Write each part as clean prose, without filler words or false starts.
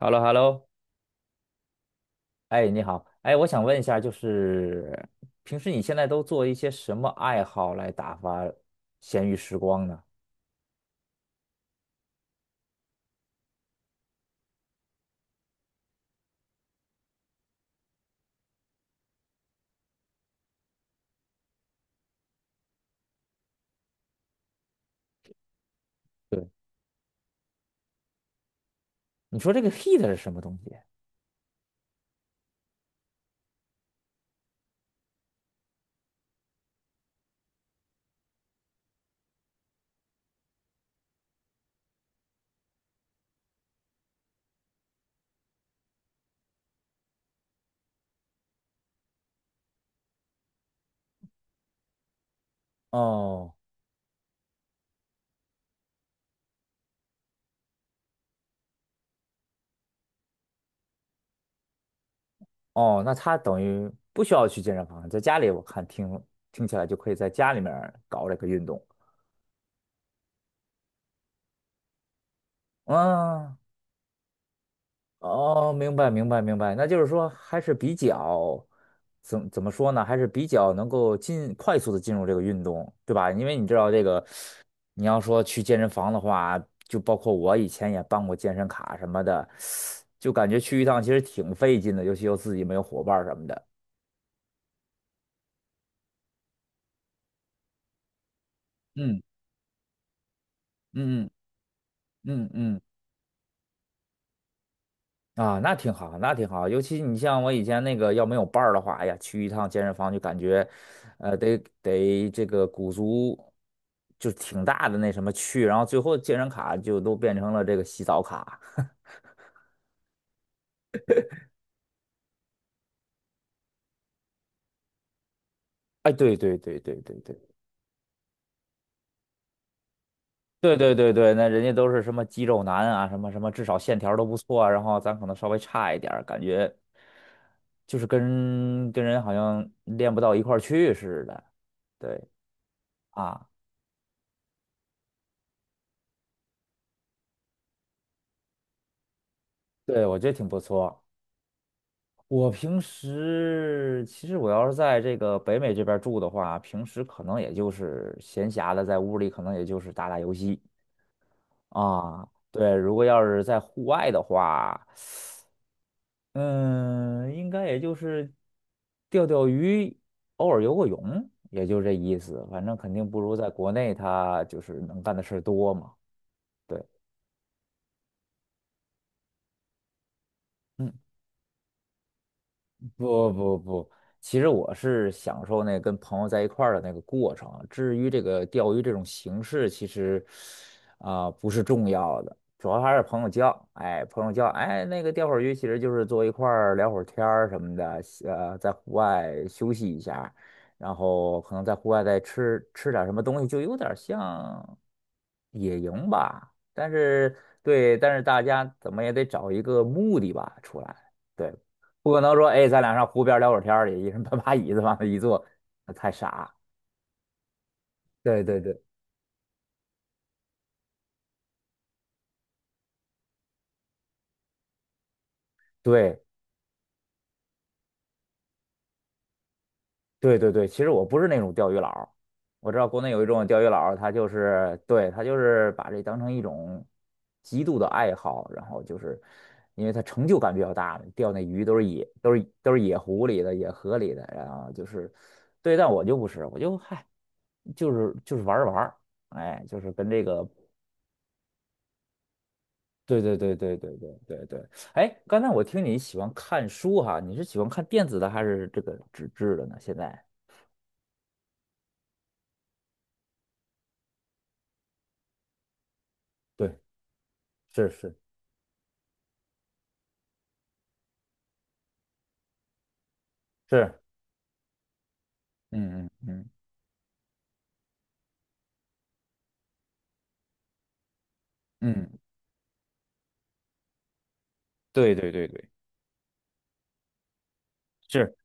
hello hello。 哎，你好，哎，我想问一下，就是平时你现在都做一些什么爱好来打发闲余时光呢？对，你说这个 heat 是什么东西？哦哦，那它等于不需要去健身房，在家里我看听起来就可以在家里面儿搞这个运动。嗯，哦，明白明白明白，那就是说还是比较怎么说呢？还是比较能够快速的进入这个运动，对吧？因为你知道这个，你要说去健身房的话，就包括我以前也办过健身卡什么的，就感觉去一趟其实挺费劲的，尤其又自己没有伙伴儿什么的。嗯嗯嗯嗯嗯，啊，那挺好，那挺好。尤其你像我以前那个，要没有伴儿的话，哎呀，去一趟健身房就感觉，得这个鼓足，就挺大的那什么去，然后最后健身卡就都变成了这个洗澡卡。哎，对对对对对对对对对对，那人家都是什么肌肉男啊，什么什么，至少线条都不错啊，然后咱可能稍微差一点儿感觉就是跟人好像练不到一块儿去似的。对啊，对，我觉得挺不错。我平时其实我要是在这个北美这边儿住的话，平时可能也就是闲暇的在屋里，可能也就是打打游戏啊。对，如果要是在户外的话，嗯，应该也就是钓钓鱼，偶尔游个泳，也就这意思。反正肯定不如在国内，他就是能干的事儿多嘛。对，嗯。不不不，其实我是享受那跟朋友在一块儿的那个过程。至于这个钓鱼这种形式，其实啊、不是重要的，主要还是朋友叫。哎，朋友叫，哎，那个钓会儿鱼，其实就是坐一块儿聊会儿天儿什么的，在户外休息一下，然后可能在户外再吃吃点儿什么东西，就有点儿像野营吧。但是对，但是大家怎么也得找一个目的吧出来。对。不可能说，哎，咱俩上湖边聊会儿天儿去，一人搬把椅子往那一坐，那太傻。对对对对对对对，其实我不是那种钓鱼佬儿，我知道国内有一种钓鱼佬儿，他就是把这当成一种极度的爱好，然后就是因为他成就感比较大嘛，钓那鱼都是野，都是野湖里的野河里的，然后就是对，但我就不是，我就嗨，就是玩儿玩儿，哎，就是跟这个。对对对对对对对对，哎，刚才我听你喜欢看书哈，你是喜欢看电子的还是这个纸质的呢？现在？对，是是是，嗯嗯嗯嗯，对对对对，是。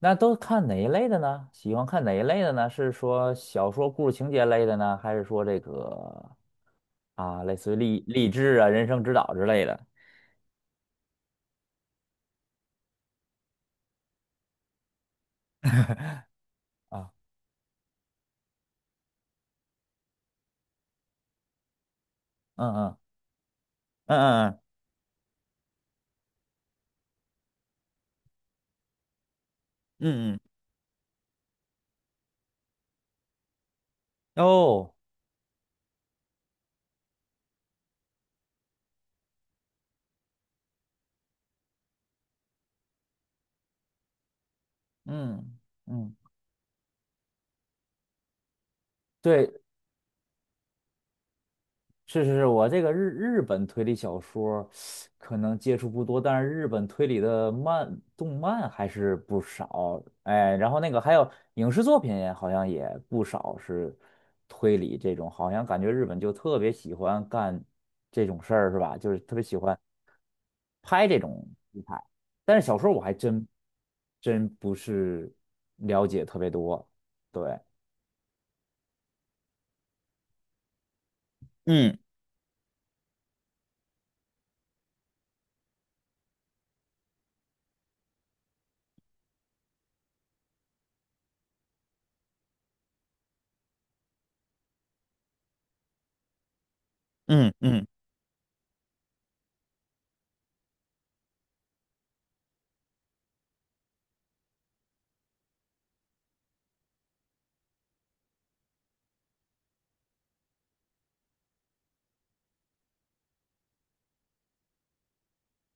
那都看哪一类的呢？喜欢看哪一类的呢？是说小说故事情节类的呢，还是说这个啊，类似于励志啊、人生指导之类的啊？嗯嗯嗯嗯嗯嗯嗯，哦，嗯嗯，对，是是是，我这个日本推理小说可能接触不多，但是日本推理的动漫还是不少。哎，然后那个还有影视作品，好像也不少是推理这种，好像感觉日本就特别喜欢干这种事儿，是吧？就是特别喜欢拍这种题材。但是小说我还真不是了解特别多，对。嗯嗯嗯。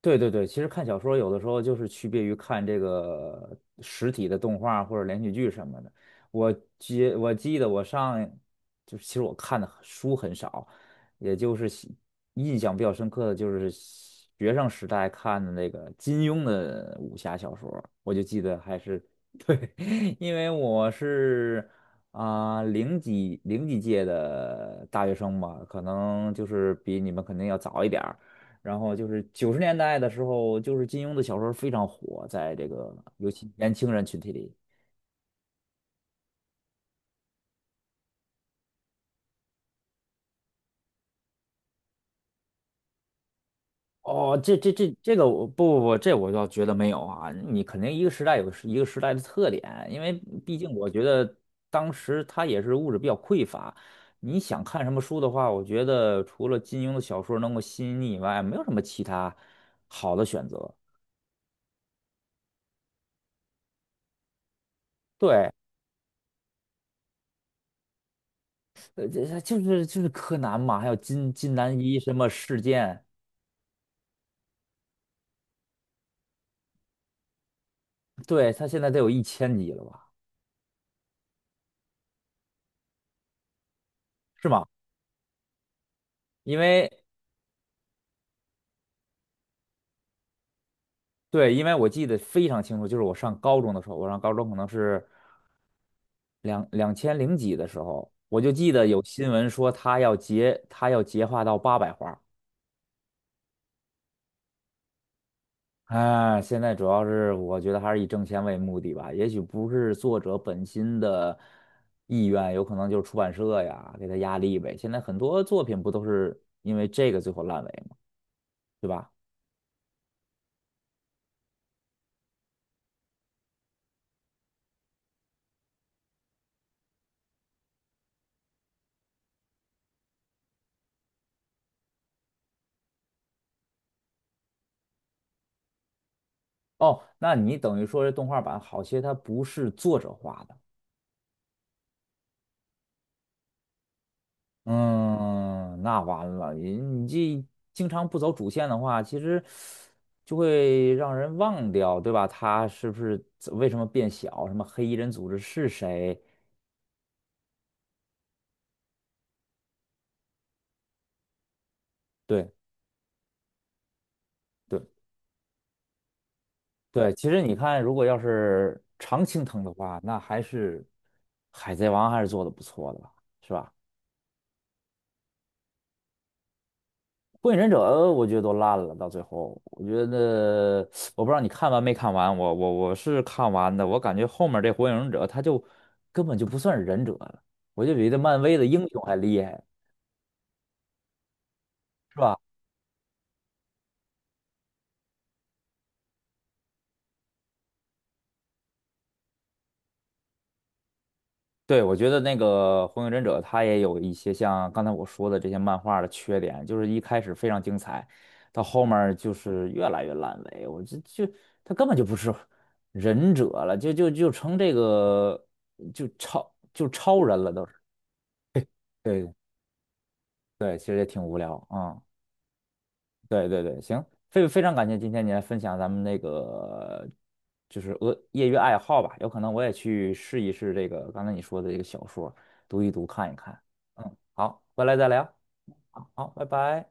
对对对，其实看小说有的时候就是区别于看这个实体的动画或者连续剧什么的。我我记得就是其实我看的书很少，也就是印象比较深刻的就是学生时代看的那个金庸的武侠小说，我就记得还是 对，因为我是啊、零几届的大学生嘛，可能就是比你们肯定要早一点儿。然后就是90年代的时候，就是金庸的小说非常火，在这个尤其年轻人群体里。哦，这个我不不不，这我倒觉得没有啊。你肯定一个时代有一个时代的特点，因为毕竟我觉得当时它也是物质比较匮乏。你想看什么书的话，我觉得除了金庸的小说能够吸引你以外，没有什么其他好的选择。对，这就是柯南嘛，还有金南一什么事件，对，他现在得有1000集了吧？是吗？因为对，因为我记得非常清楚，就是我上高中的时候，我上高中可能是两千零几的时候，我就记得有新闻说他要结画到800画。哎，现在主要是我觉得还是以挣钱为目的吧，也许不是作者本心的意愿，有可能就是出版社呀给他压力呗。现在很多作品不都是因为这个最后烂尾吗？对吧？哦，那你等于说这动画版好些它不是作者画的。嗯，那完了，你这经常不走主线的话，其实就会让人忘掉，对吧？他是不是为什么变小？什么黑衣人组织是谁？对对对，其实你看，如果要是常青藤的话，那还是海贼王还是做的不错的吧，是吧？《火影忍者》我觉得都烂了，到最后，我觉得我不知道你看完没看完，我是看完的，我感觉后面这《火影忍者》他就根本就不算是忍者了，我就比这漫威的英雄还厉害，是吧？对，我觉得那个《火影忍者》他也有一些像刚才我说的这些漫画的缺点，就是一开始非常精彩，到后面儿就是越来越烂尾，我就他根本就不是忍者了，就成这个就超人了都是。对。对，其实也挺无聊啊、嗯。对对对，行，非常感谢今天你来分享咱们那个就是业余爱好吧，有可能我也去试一试这个刚才你说的这个小说，读一读看一看。嗯，好，回来再聊。好，拜拜。